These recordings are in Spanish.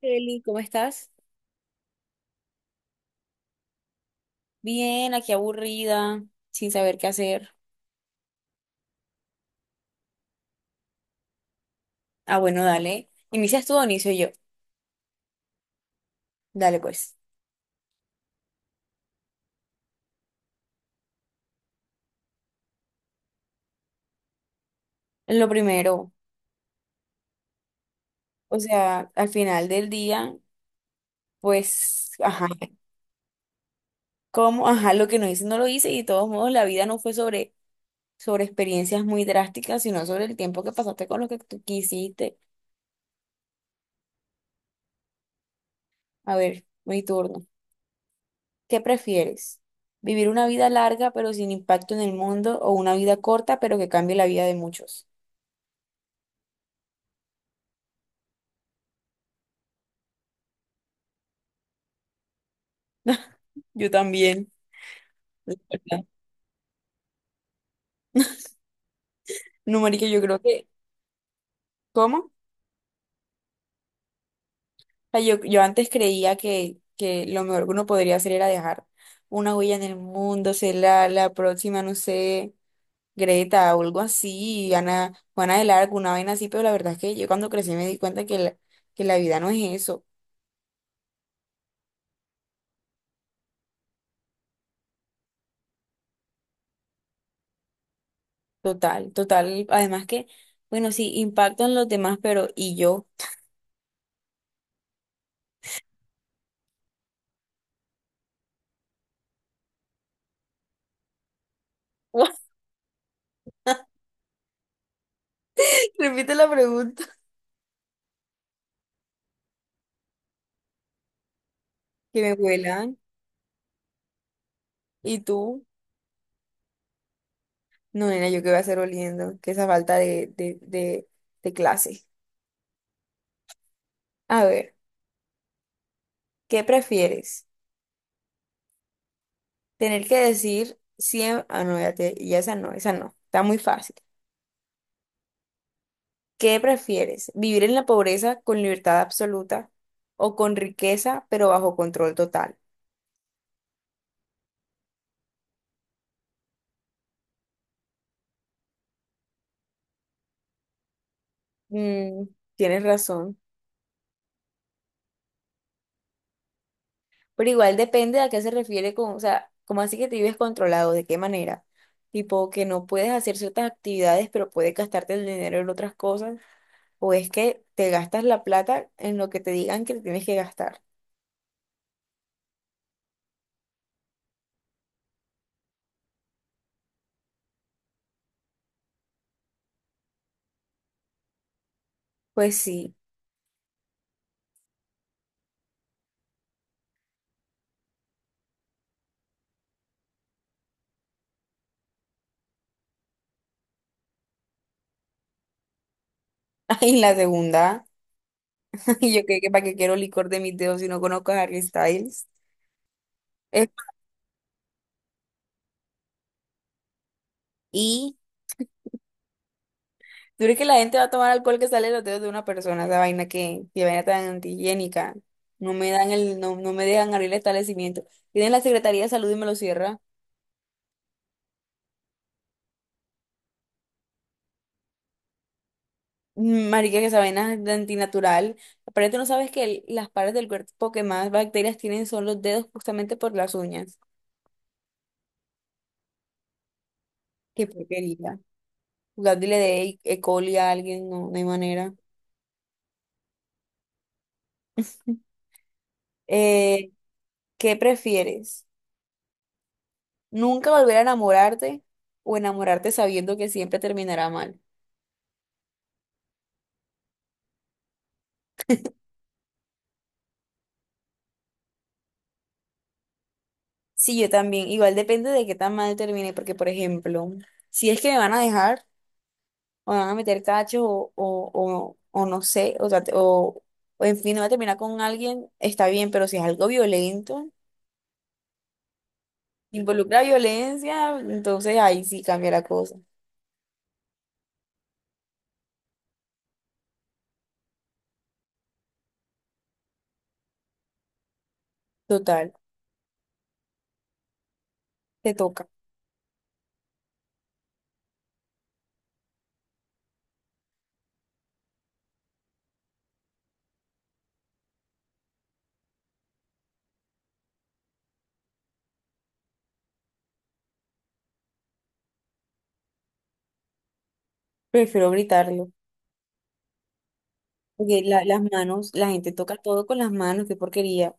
Kelly, ¿cómo estás? Bien, aquí aburrida, sin saber qué hacer. Ah, bueno, dale. ¿Inicias tú o inicio yo? Dale, pues. Lo primero, o sea, al final del día, pues, ajá, ¿cómo? Ajá, lo que no hice no lo hice y de todos modos la vida no fue sobre, experiencias muy drásticas, sino sobre el tiempo que pasaste con lo que tú quisiste. A ver, mi turno. ¿Qué prefieres? ¿Vivir una vida larga pero sin impacto en el mundo o una vida corta pero que cambie la vida de muchos? Yo también. ¿Verdad? No, marica, yo creo que, ¿cómo? O sea, yo antes creía que, lo mejor que uno podría hacer era dejar una huella en el mundo, ser la, próxima, no sé, Greta o algo así, Ana, Juana del Arco, una vaina así, pero la verdad es que yo cuando crecí me di cuenta que la, vida no es eso, total, total, además que, bueno, sí, impacto en los demás, pero ¿y yo? Repite la pregunta, que me vuelan, ¿y tú? No, nena, yo qué voy a hacer oliendo, que esa falta de, de clase. A ver, ¿qué prefieres? Tener que decir siempre. Ah, no, ya, ya esa no, esa no. Está muy fácil. ¿Qué prefieres? ¿Vivir en la pobreza con libertad absoluta o con riqueza pero bajo control total? Mm, tienes razón. Pero igual depende a qué se refiere con, o sea, ¿cómo así que te vives controlado? ¿De qué manera? Tipo, que no puedes hacer ciertas actividades, pero puedes gastarte el dinero en otras cosas o es que te gastas la plata en lo que te digan que tienes que gastar. Pues sí. Y la segunda, yo creo que para qué quiero licor de mis dedos si no conozco a Harry Styles. Es- y tú crees que la gente va a tomar alcohol que sale de los dedos de una persona, esa vaina que, vaina tan antihigiénica. No me dan el, no, no me dejan abrir el establecimiento. Tienen la Secretaría de Salud y me lo cierra. Mm, marica, que esa vaina es de antinatural. Pero tú no sabes que las partes del cuerpo que más bacterias tienen son los dedos justamente por las uñas. Qué porquería. Dándole de E. coli a alguien, no, no hay manera. Eh, ¿Qué prefieres? ¿Nunca volver a enamorarte o enamorarte sabiendo que siempre terminará mal? Sí, yo también. Igual depende de qué tan mal termine, porque, por ejemplo, si es que me van a dejar, o me van a meter cacho, o no sé, o sea, o en fin, no va a terminar con alguien, está bien, pero si es algo violento, involucra violencia, entonces ahí sí cambia la cosa. Total, te toca. Prefiero gritarlo. Porque las manos, la gente toca todo con las manos, qué porquería.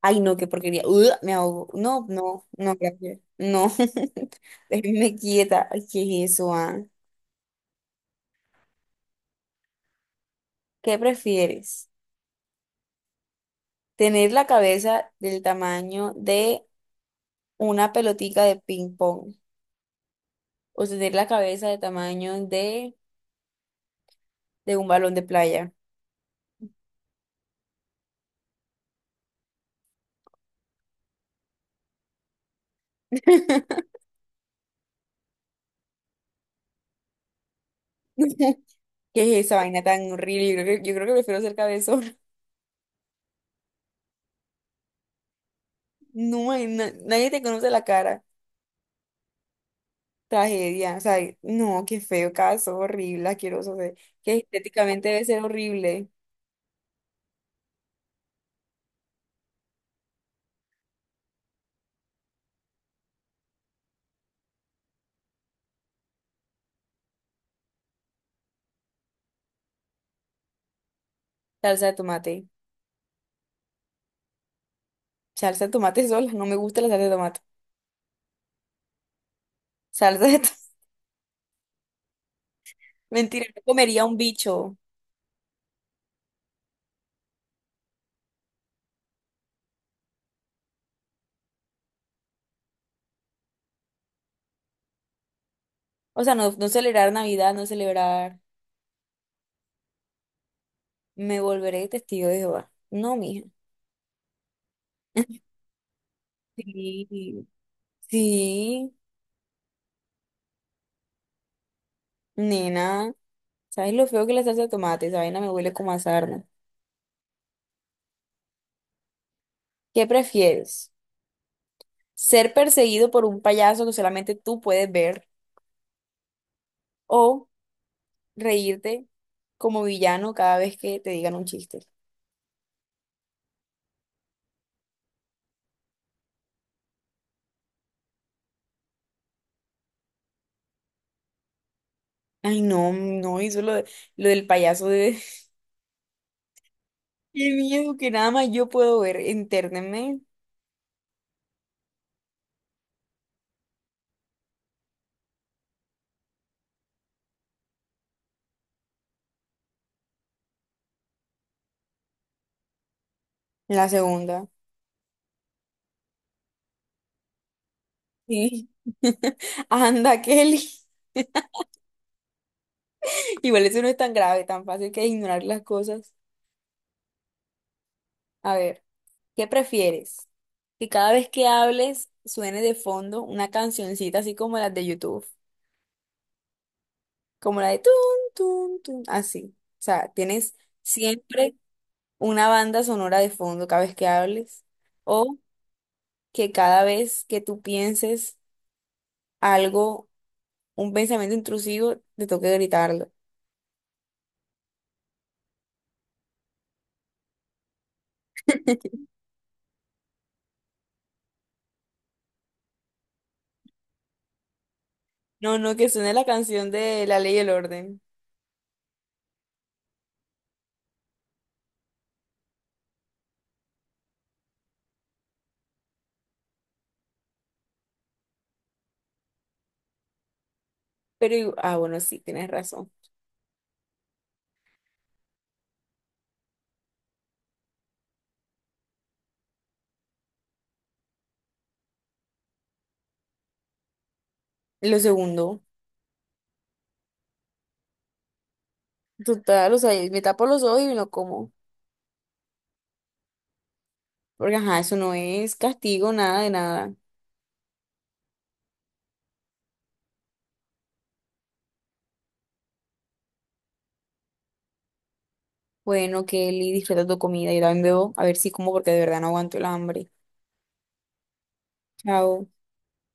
Ay, no, qué porquería. Ugh, me ahogo. No, no, no, gracias. No, déjenme quieta. Ay, ¿qué es eso, ah? ¿Qué prefieres? ¿Tener la cabeza del tamaño de una pelotica de ping pong? ¿O tener la cabeza del tamaño de, un balón de playa? ¿Qué es esa vaina tan horrible? Yo creo que prefiero ser cabezón. No, nadie te conoce la cara. Tragedia, o sea, no, qué feo caso, horrible, asqueroso, o sea, que estéticamente debe ser horrible. Salsa de tomate, salsa de tomate sola, no me gusta la salsa de tomate. Salsa de tomate, mentira, no comería un bicho. O sea, no, no celebrar Navidad, no celebrar, me volveré testigo de Jehová. No, mija. Sí, sí, nena, ¿sabes lo feo que es la salsa de tomate? Esa vaina me huele como a sarna. ¿Qué prefieres? ¿Ser perseguido por un payaso que solamente tú puedes ver? Reírte como villano cada vez que te digan un chiste. Ay, no, no, hizo lo, lo del payaso de... Qué miedo que nada más yo puedo ver. Entérnenme. La segunda. Sí. Anda, Kelly. Igual eso no es tan grave, tan fácil que ignorar las cosas. A ver, ¿qué prefieres? Que cada vez que hables suene de fondo una cancioncita así como las de YouTube, como la de tun, tun, tun, así. O sea, tienes siempre una banda sonora de fondo cada vez que hables o que cada vez que tú pienses algo, un pensamiento intrusivo, te toque gritarlo. No, no, que suene la canción de La Ley y el Orden. Pero, bueno, sí, tienes razón. Lo segundo, total, o sea, me tapo los ojos y no como. Porque, ajá, eso no es castigo, nada de nada. Bueno, Kelly, disfruta tu comida. Yo también bebo, a ver si como, porque de verdad no aguanto el hambre. Chao.